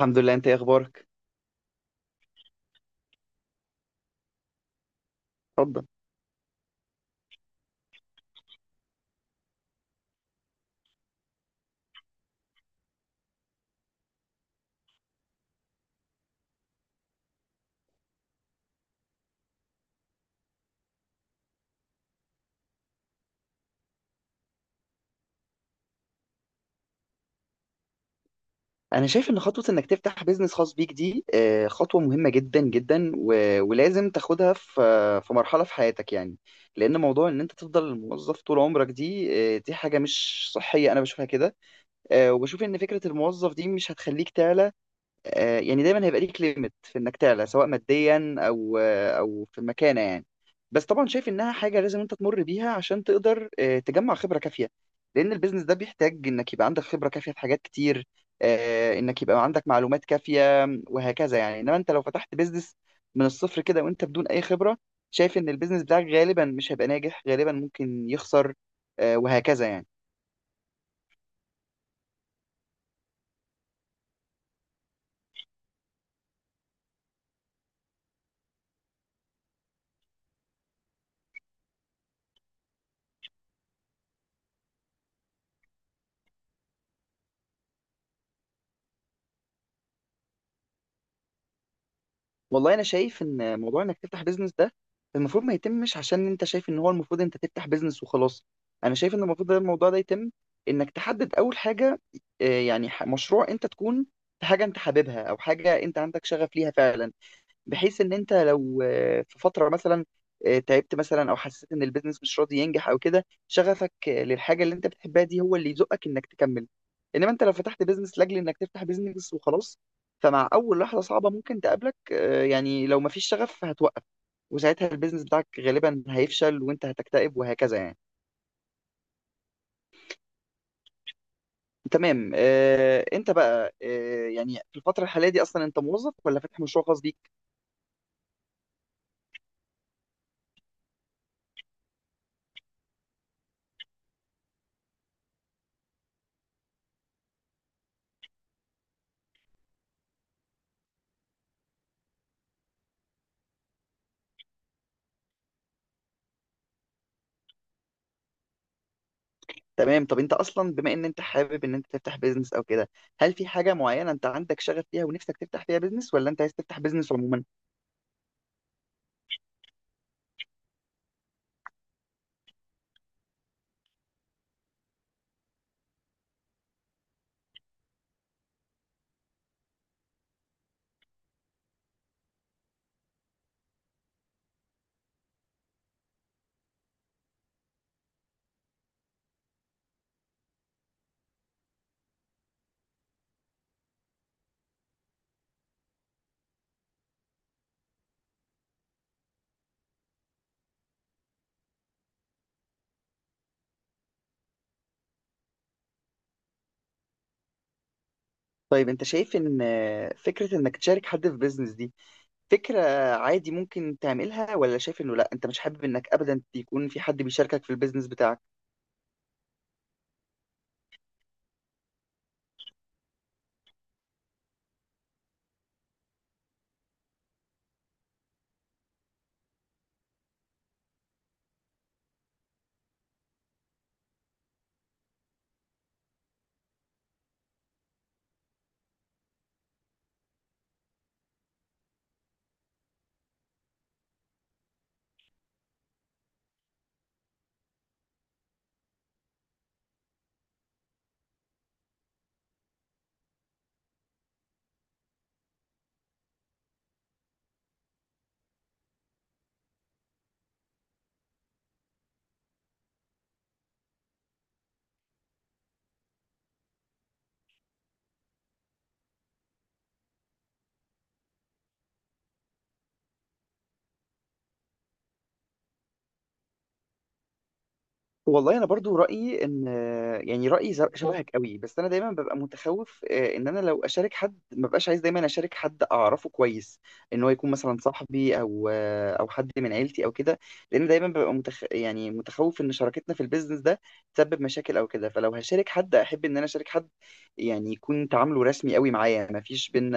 الحمد لله. انت ايه اخبارك؟ اتفضل. انا شايف ان خطوه انك تفتح بيزنس خاص بيك دي خطوه مهمه جدا جدا و- ولازم تاخدها في في مرحله في حياتك يعني. لان موضوع ان انت تفضل موظف طول عمرك دي، دي حاجه مش صحيه انا بشوفها كده. وبشوف ان فكره الموظف دي مش هتخليك تعلى. يعني دايما هيبقى ليك ليميت في انك تعلى سواء ماديا او او في المكانه يعني. بس طبعا شايف انها حاجه لازم انت تمر بيها عشان تقدر تجمع خبره كافيه، لان البيزنس ده بيحتاج انك يبقى عندك خبره كافيه في حاجات كتير، انك يبقى عندك معلومات كافيه وهكذا يعني. انما انت لو فتحت بيزنس من الصفر كده وانت بدون اي خبره، شايف ان البيزنس بتاعك غالبا مش هيبقى ناجح، غالبا ممكن يخسر، وهكذا يعني. والله انا شايف ان موضوع انك تفتح بيزنس ده المفروض ما يتمش عشان انت شايف ان هو المفروض انت تفتح بيزنس وخلاص. انا شايف ان المفروض ده الموضوع ده يتم انك تحدد اول حاجه، يعني مشروع انت تكون في حاجه انت حاببها او حاجه انت عندك شغف ليها فعلا، بحيث ان انت لو في فتره مثلا تعبت مثلا او حسيت ان البيزنس مش راضي ينجح او كده، شغفك للحاجه اللي انت بتحبها دي هو اللي يزقك انك تكمل. انما انت لو فتحت بيزنس لاجل انك تفتح بيزنس وخلاص، فمع اول لحظه صعبه ممكن تقابلك يعني لو مفيش شغف هتوقف، وساعتها البيزنس بتاعك غالبا هيفشل وانت هتكتئب وهكذا يعني. تمام. انت بقى يعني في الفتره الحاليه دي اصلا انت موظف ولا فاتح مشروع خاص بيك؟ تمام. طب انت اصلا بما ان انت حابب ان انت تفتح بيزنس او كده، هل في حاجه معينه انت عندك شغف فيها ونفسك تفتح فيها بيزنس، ولا انت عايز تفتح بيزنس عموما؟ طيب انت شايف ان فكره انك تشارك حد في بيزنس دي فكره عادي ممكن تعملها، ولا شايف انه لا انت مش حابب انك ابدا يكون في حد بيشاركك في البيزنس بتاعك؟ والله انا برضو رايي ان، يعني رايي شبهك قوي، بس انا دايما ببقى متخوف ان انا لو اشارك حد، ما ببقاش عايز دايما اشارك حد اعرفه كويس، ان هو يكون مثلا صاحبي او او حد من عيلتي او كده، لان دايما ببقى يعني متخوف ان شراكتنا في البيزنس ده تسبب مشاكل او كده. فلو هشارك حد احب ان انا اشارك حد يعني يكون تعامله رسمي قوي معايا، ما فيش بينا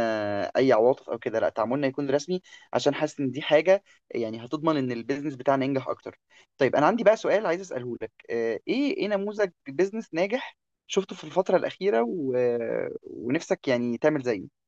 اي عواطف او كده، لا تعاملنا يكون رسمي، عشان حاسس ان دي حاجه يعني هتضمن ان البيزنس بتاعنا ينجح اكتر. طيب انا عندي بقى سؤال عايز اساله لك، ايه نموذج بيزنس ناجح شفته في الفترة الأخيرة ونفسك يعني تعمل زيه؟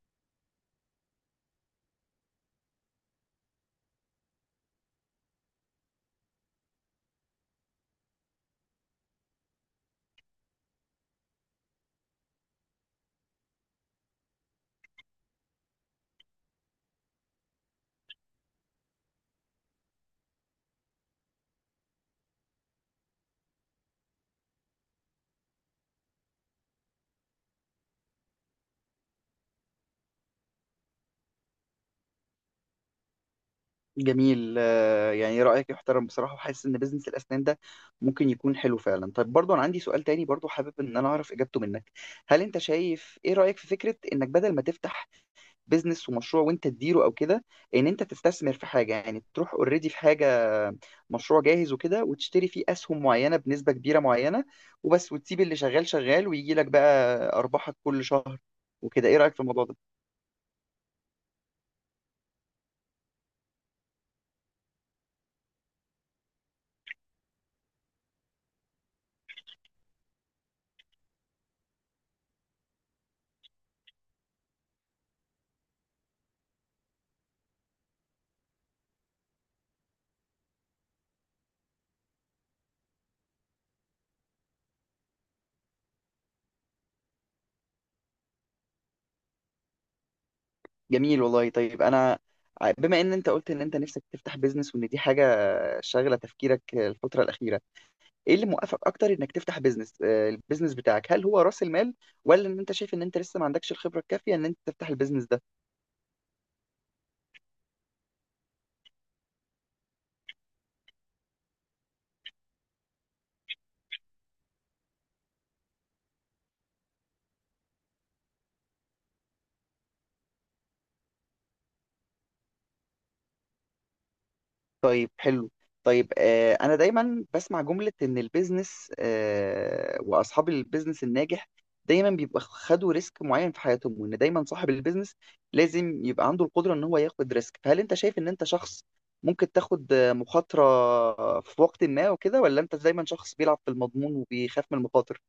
جميل. يعني رأيك يحترم بصراحة، وحاسس إن بيزنس الأسنان ده ممكن يكون حلو فعلا. طيب برضو أنا عندي سؤال تاني، برضو حابب إن أنا أعرف إجابته منك. هل أنت شايف إيه رأيك في فكرة إنك بدل ما تفتح بيزنس ومشروع وانت تديره او كده، ان انت تستثمر في حاجه، يعني تروح اوريدي في حاجه، مشروع جاهز وكده، وتشتري فيه اسهم معينه بنسبه كبيره معينه وبس، وتسيب اللي شغال شغال ويجي لك بقى ارباحك كل شهر وكده؟ ايه رايك في الموضوع ده؟ جميل والله. طيب انا بما ان انت قلت ان انت نفسك تفتح بيزنس وان دي حاجه شاغله تفكيرك الفتره الاخيره، ايه اللي موقفك اكتر انك تفتح بيزنس، البيزنس بتاعك؟ هل هو راس المال، ولا ان انت شايف ان انت لسه ما عندكش الخبره الكافيه ان انت تفتح البيزنس ده؟ طيب حلو. طيب آه، انا دايما بسمع جملة ان البيزنس واصحاب البيزنس الناجح دايما بيبقى خدوا ريسك معين في حياتهم، وان دايما صاحب البيزنس لازم يبقى عنده القدرة ان هو ياخد ريسك. فهل انت شايف ان انت شخص ممكن تاخد مخاطرة في وقت ما وكده، ولا انت دايما شخص بيلعب في المضمون وبيخاف من المخاطر؟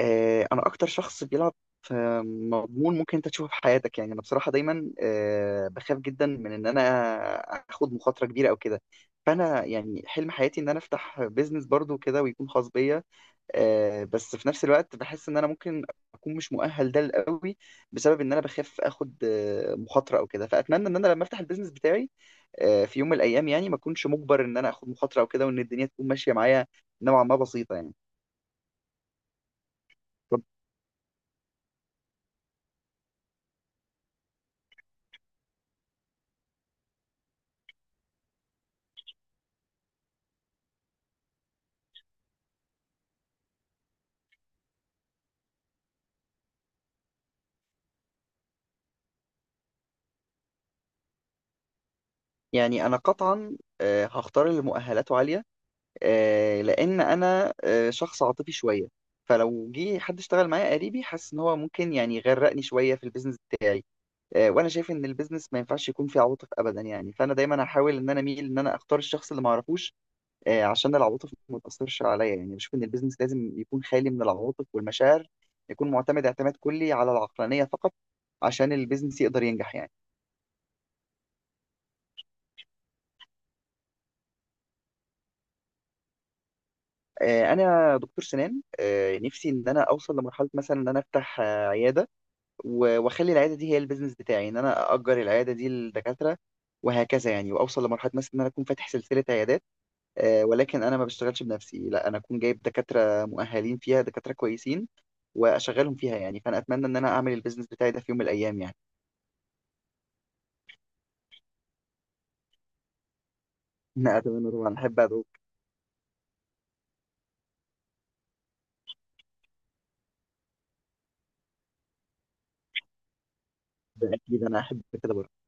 انا اكتر شخص بيلعب في مضمون ممكن انت تشوفه في حياتك يعني. انا بصراحه دايما بخاف جدا من ان انا اخد مخاطره كبيره او كده. فانا يعني حلم حياتي ان انا افتح بيزنس برضو كده ويكون خاص بيا، بس في نفس الوقت بحس ان انا ممكن اكون مش مؤهل ده قوي، بسبب ان انا بخاف اخد مخاطره او كده. فاتمنى ان انا لما افتح البيزنس بتاعي في يوم من الايام يعني، ما اكونش مجبر ان انا اخد مخاطره او كده، وان الدنيا تكون ماشيه معايا نوعا ما بسيطه يعني. يعني انا قطعا هختار اللي مؤهلاته عاليه. لان انا شخص عاطفي شويه، فلو جه حد اشتغل معايا قريبي، حاسس ان هو ممكن يعني يغرقني شويه في البيزنس بتاعي. وانا شايف ان البيزنس ما ينفعش يكون فيه عواطف ابدا يعني. فانا دايما هحاول ان انا اميل ان انا اختار الشخص اللي ما اعرفوش، عشان العواطف ما تاثرش عليا يعني. بشوف ان البيزنس لازم يكون خالي من العواطف والمشاعر، يكون معتمد اعتماد كلي على العقلانيه فقط عشان البيزنس يقدر ينجح يعني. انا دكتور سنان. نفسي ان انا اوصل لمرحله مثلا ان انا افتح عياده، و- واخلي العياده دي هي البيزنس بتاعي، ان انا اجر العياده دي للدكاتره وهكذا يعني. واوصل لمرحله مثلا ان انا اكون فاتح سلسله عيادات، ولكن انا ما بشتغلش بنفسي، لا انا اكون جايب دكاتره مؤهلين فيها، دكاتره كويسين واشغلهم فيها يعني. فانا اتمنى ان انا اعمل البيزنس بتاعي ده في يوم من الايام يعني. لا اتمنى طبعا، احب ادعوك. ده اكيد، انا احب كده برضه.